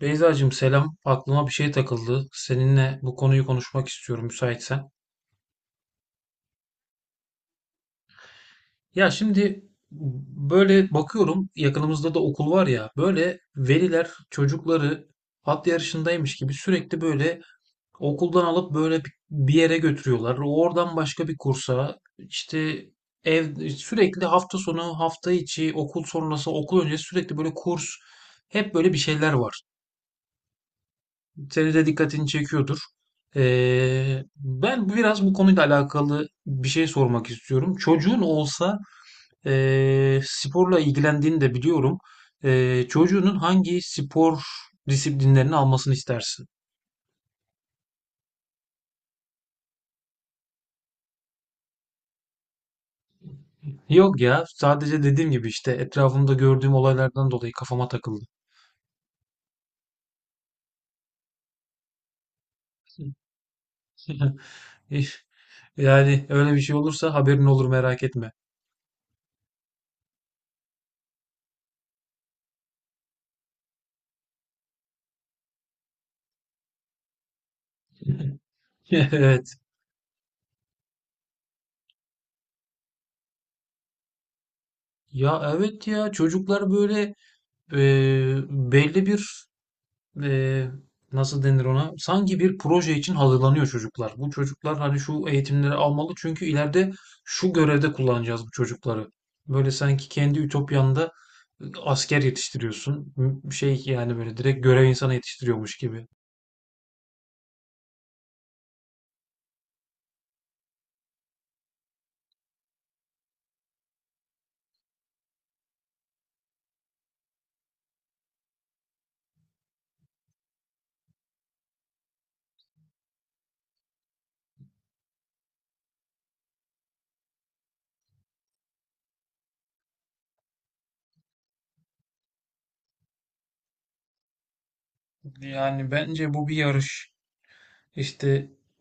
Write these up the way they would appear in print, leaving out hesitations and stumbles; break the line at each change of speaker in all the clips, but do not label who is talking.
Beyzacığım selam. Aklıma bir şey takıldı. Seninle bu konuyu konuşmak istiyorum müsaitsen. Ya şimdi böyle bakıyorum, yakınımızda da okul var ya, böyle veliler çocukları at yarışındaymış gibi sürekli böyle okuldan alıp böyle bir yere götürüyorlar. Oradan başka bir kursa, işte ev, sürekli hafta sonu, hafta içi, okul sonrası, okul öncesi sürekli böyle kurs, hep böyle bir şeyler var. Senin de dikkatini çekiyordur. Ben biraz bu konuyla alakalı bir şey sormak istiyorum. Çocuğun olsa, sporla ilgilendiğini de biliyorum. Çocuğunun hangi spor disiplinlerini almasını istersin? Yok ya, sadece dediğim gibi işte etrafımda gördüğüm olaylardan dolayı kafama takıldı. Yani öyle bir şey olursa haberin olur, merak etme. Evet. Ya evet ya, çocuklar böyle e, belli bir, e, nasıl denir ona? Sanki bir proje için hazırlanıyor çocuklar. Bu çocuklar hani şu eğitimleri almalı, çünkü ileride şu görevde kullanacağız bu çocukları. Böyle sanki kendi ütopyanda asker yetiştiriyorsun. Şey, yani böyle direkt görev insanı yetiştiriyormuş gibi. Yani bence bu bir yarış. İşte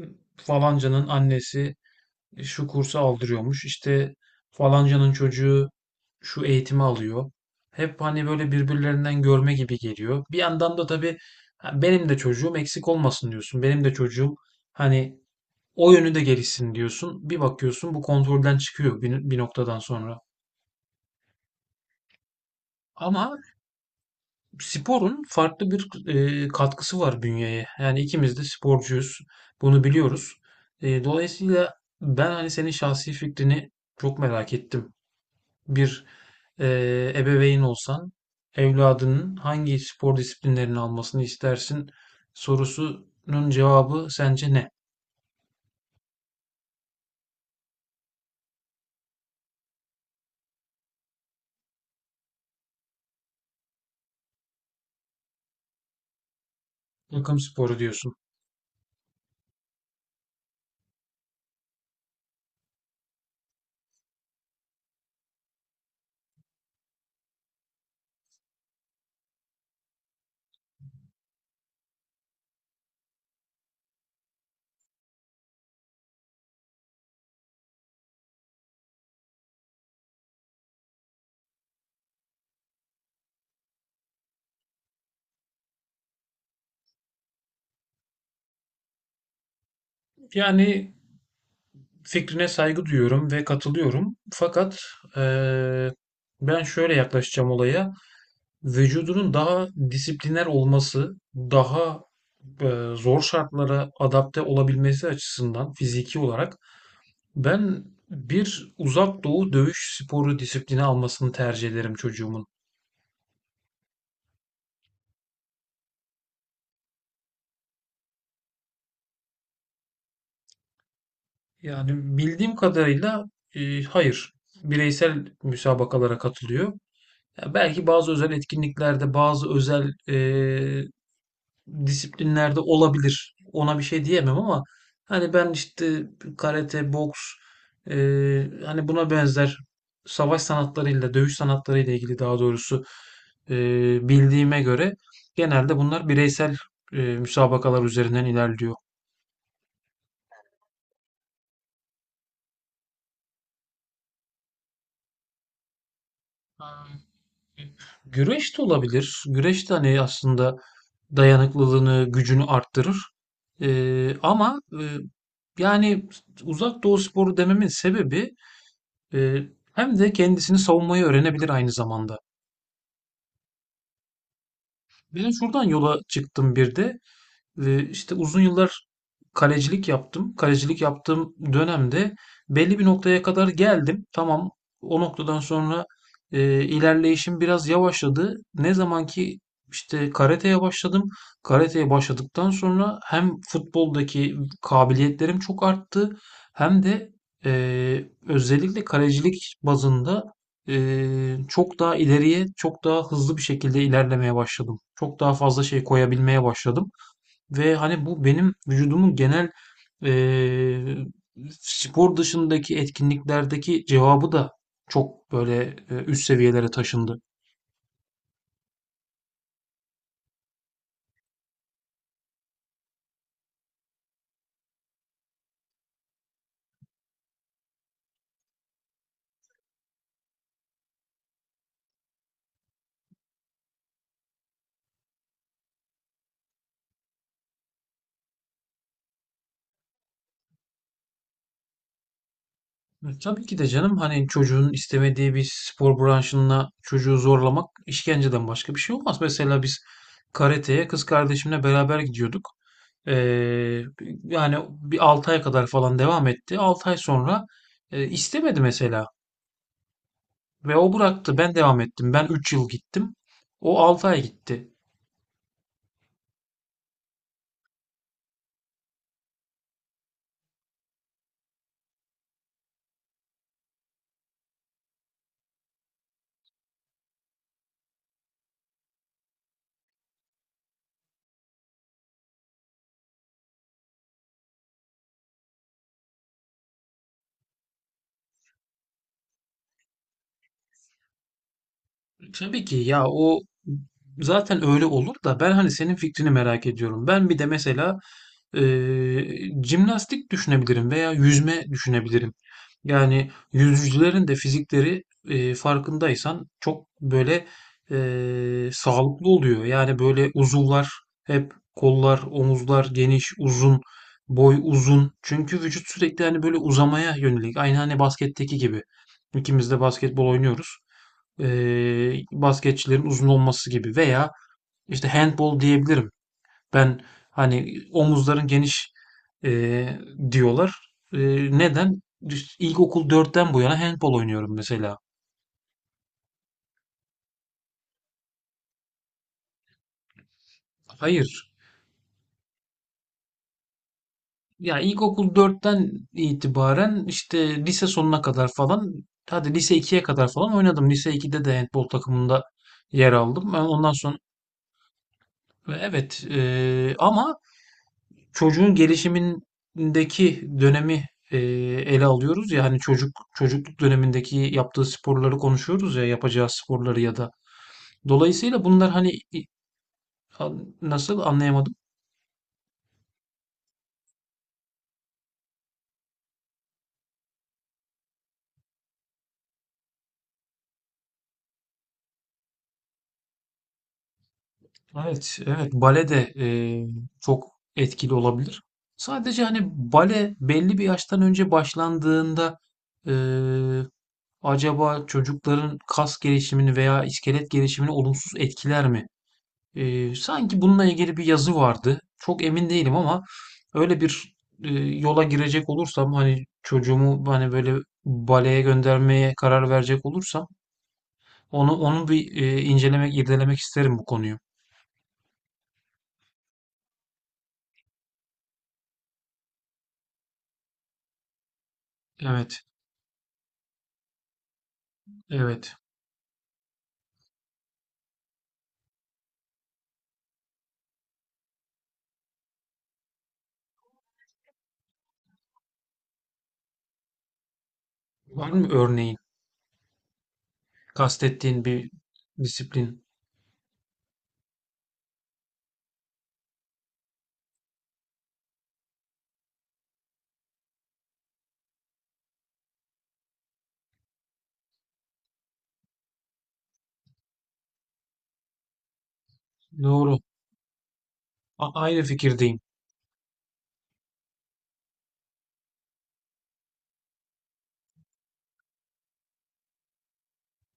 e, falancanın annesi, şu kursu aldırıyormuş. İşte falancanın çocuğu şu eğitimi alıyor. Hep hani böyle birbirlerinden görme gibi geliyor. Bir yandan da tabii, ha, benim de çocuğum eksik olmasın diyorsun. Benim de çocuğum hani o yönü de gelişsin diyorsun. Bir bakıyorsun bu kontrolden çıkıyor bir noktadan sonra. Ama sporun farklı bir katkısı var bünyeye. Yani ikimiz de sporcuyuz. Bunu biliyoruz. Dolayısıyla ben hani senin şahsi fikrini çok merak ettim. Bir ebeveyn olsan evladının hangi spor disiplinlerini almasını istersin sorusunun cevabı sence ne? Takım sporu diyorsun. Yani fikrine saygı duyuyorum ve katılıyorum. Fakat eee, ben şöyle yaklaşacağım olaya. Vücudunun daha disipliner olması, daha zor şartlara adapte olabilmesi açısından fiziki olarak, ben bir uzak doğu dövüş sporu disiplini almasını tercih ederim çocuğumun. Yani bildiğim kadarıyla hayır. Bireysel müsabakalara katılıyor. Ya belki bazı özel etkinliklerde, bazı özel disiplinlerde olabilir. Ona bir şey diyemem ama hani ben işte karate, boks, e, hani buna benzer savaş sanatlarıyla, dövüş sanatlarıyla ilgili daha doğrusu, e, bildiğime göre genelde bunlar bireysel müsabakalar üzerinden ilerliyor. Güreş de olabilir. Güreş de hani aslında dayanıklılığını, gücünü arttırır. Ama yani uzak doğu sporu dememin sebebi, Ee, hem de kendisini savunmayı öğrenebilir aynı zamanda. Ben şuradan yola çıktım bir de. İşte uzun yıllar kalecilik yaptım. Kalecilik yaptığım dönemde belli bir noktaya kadar geldim. Tamam, o noktadan sonra ilerleyişim biraz yavaşladı. Ne zaman ki işte karateye başladım. Karateye başladıktan sonra hem futboldaki kabiliyetlerim çok arttı, hem de özellikle kalecilik bazında çok daha ileriye, çok daha hızlı bir şekilde ilerlemeye başladım. Çok daha fazla şey koyabilmeye başladım. Ve hani bu benim vücudumun genel eee, spor dışındaki etkinliklerdeki cevabı da çok böyle üst seviyelere taşındı. Tabii ki de canım, hani çocuğun istemediği bir spor branşına çocuğu zorlamak işkenceden başka bir şey olmaz. Mesela biz karateye kız kardeşimle beraber gidiyorduk. Eee, Yani bir 6 ay kadar falan devam etti. 6 ay sonra istemedi mesela. Ve o bıraktı. Ben devam ettim. Ben 3 yıl gittim. O 6 ay gitti. Tabii ki ya, o zaten öyle olur da ben hani senin fikrini merak ediyorum. Ben bir de mesela jimnastik düşünebilirim veya yüzme düşünebilirim. Yani yüzücülerin de fizikleri, farkındaysan çok böyle, sağlıklı oluyor. Yani böyle uzuvlar, hep kollar, omuzlar geniş, uzun, boy uzun. Çünkü vücut sürekli hani böyle uzamaya yönelik. Aynı hani basketteki gibi. İkimiz de basketbol oynuyoruz. Basketçilerin uzun olması gibi, veya işte handbol diyebilirim. Ben hani omuzların geniş eee, diyorlar. Neden? İlkokul dörtten bu yana handbol oynuyorum mesela. Hayır. Ya ilkokul dörtten itibaren işte lise sonuna kadar falan, hadi lise ikiye kadar falan oynadım. Lise iki'de de handbol takımında yer aldım. Ben ondan sonra, evet, ama çocuğun gelişimindeki dönemi ele alıyoruz ya, hani çocuk çocukluk dönemindeki yaptığı sporları konuşuyoruz ya, yapacağı sporları ya da, dolayısıyla bunlar hani nasıl anlayamadım. Evet, evet, bale de çok etkili olabilir. Sadece hani bale belli bir yaştan önce başlandığında, e, acaba çocukların kas gelişimini veya iskelet gelişimini olumsuz etkiler mi? Sanki bununla ilgili bir yazı vardı. Çok emin değilim ama öyle bir yola girecek olursam, hani çocuğumu hani böyle baleye göndermeye karar verecek olursam, onu bir incelemek, irdelemek isterim bu konuyu. Evet, evet. Var mı örneğin kastettiğin bir disiplin? Doğru. Aynı fikirdeyim.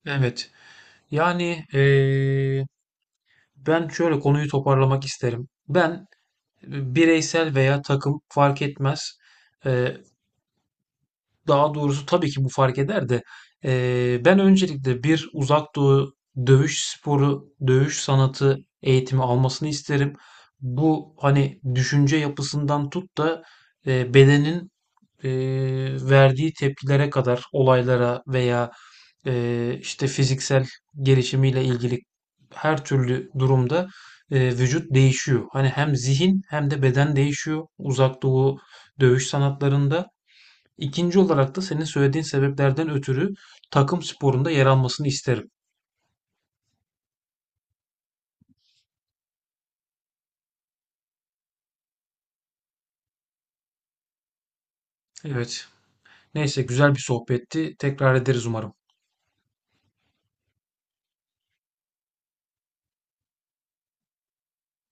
Evet. Yani ben şöyle konuyu toparlamak isterim. Ben bireysel veya takım fark etmez. E, Daha doğrusu tabii ki bu fark eder de ben öncelikle bir uzak doğu dövüş sporu, dövüş sanatı eğitimi almasını isterim. Bu hani düşünce yapısından tut da bedenin verdiği tepkilere kadar olaylara, veya işte fiziksel gelişimiyle ilgili her türlü durumda vücut değişiyor. Hani hem zihin hem de beden değişiyor uzak doğu dövüş sanatlarında. İkinci olarak da senin söylediğin sebeplerden ötürü takım sporunda yer almasını isterim. Evet. Neyse güzel bir sohbetti. Tekrar ederiz umarım.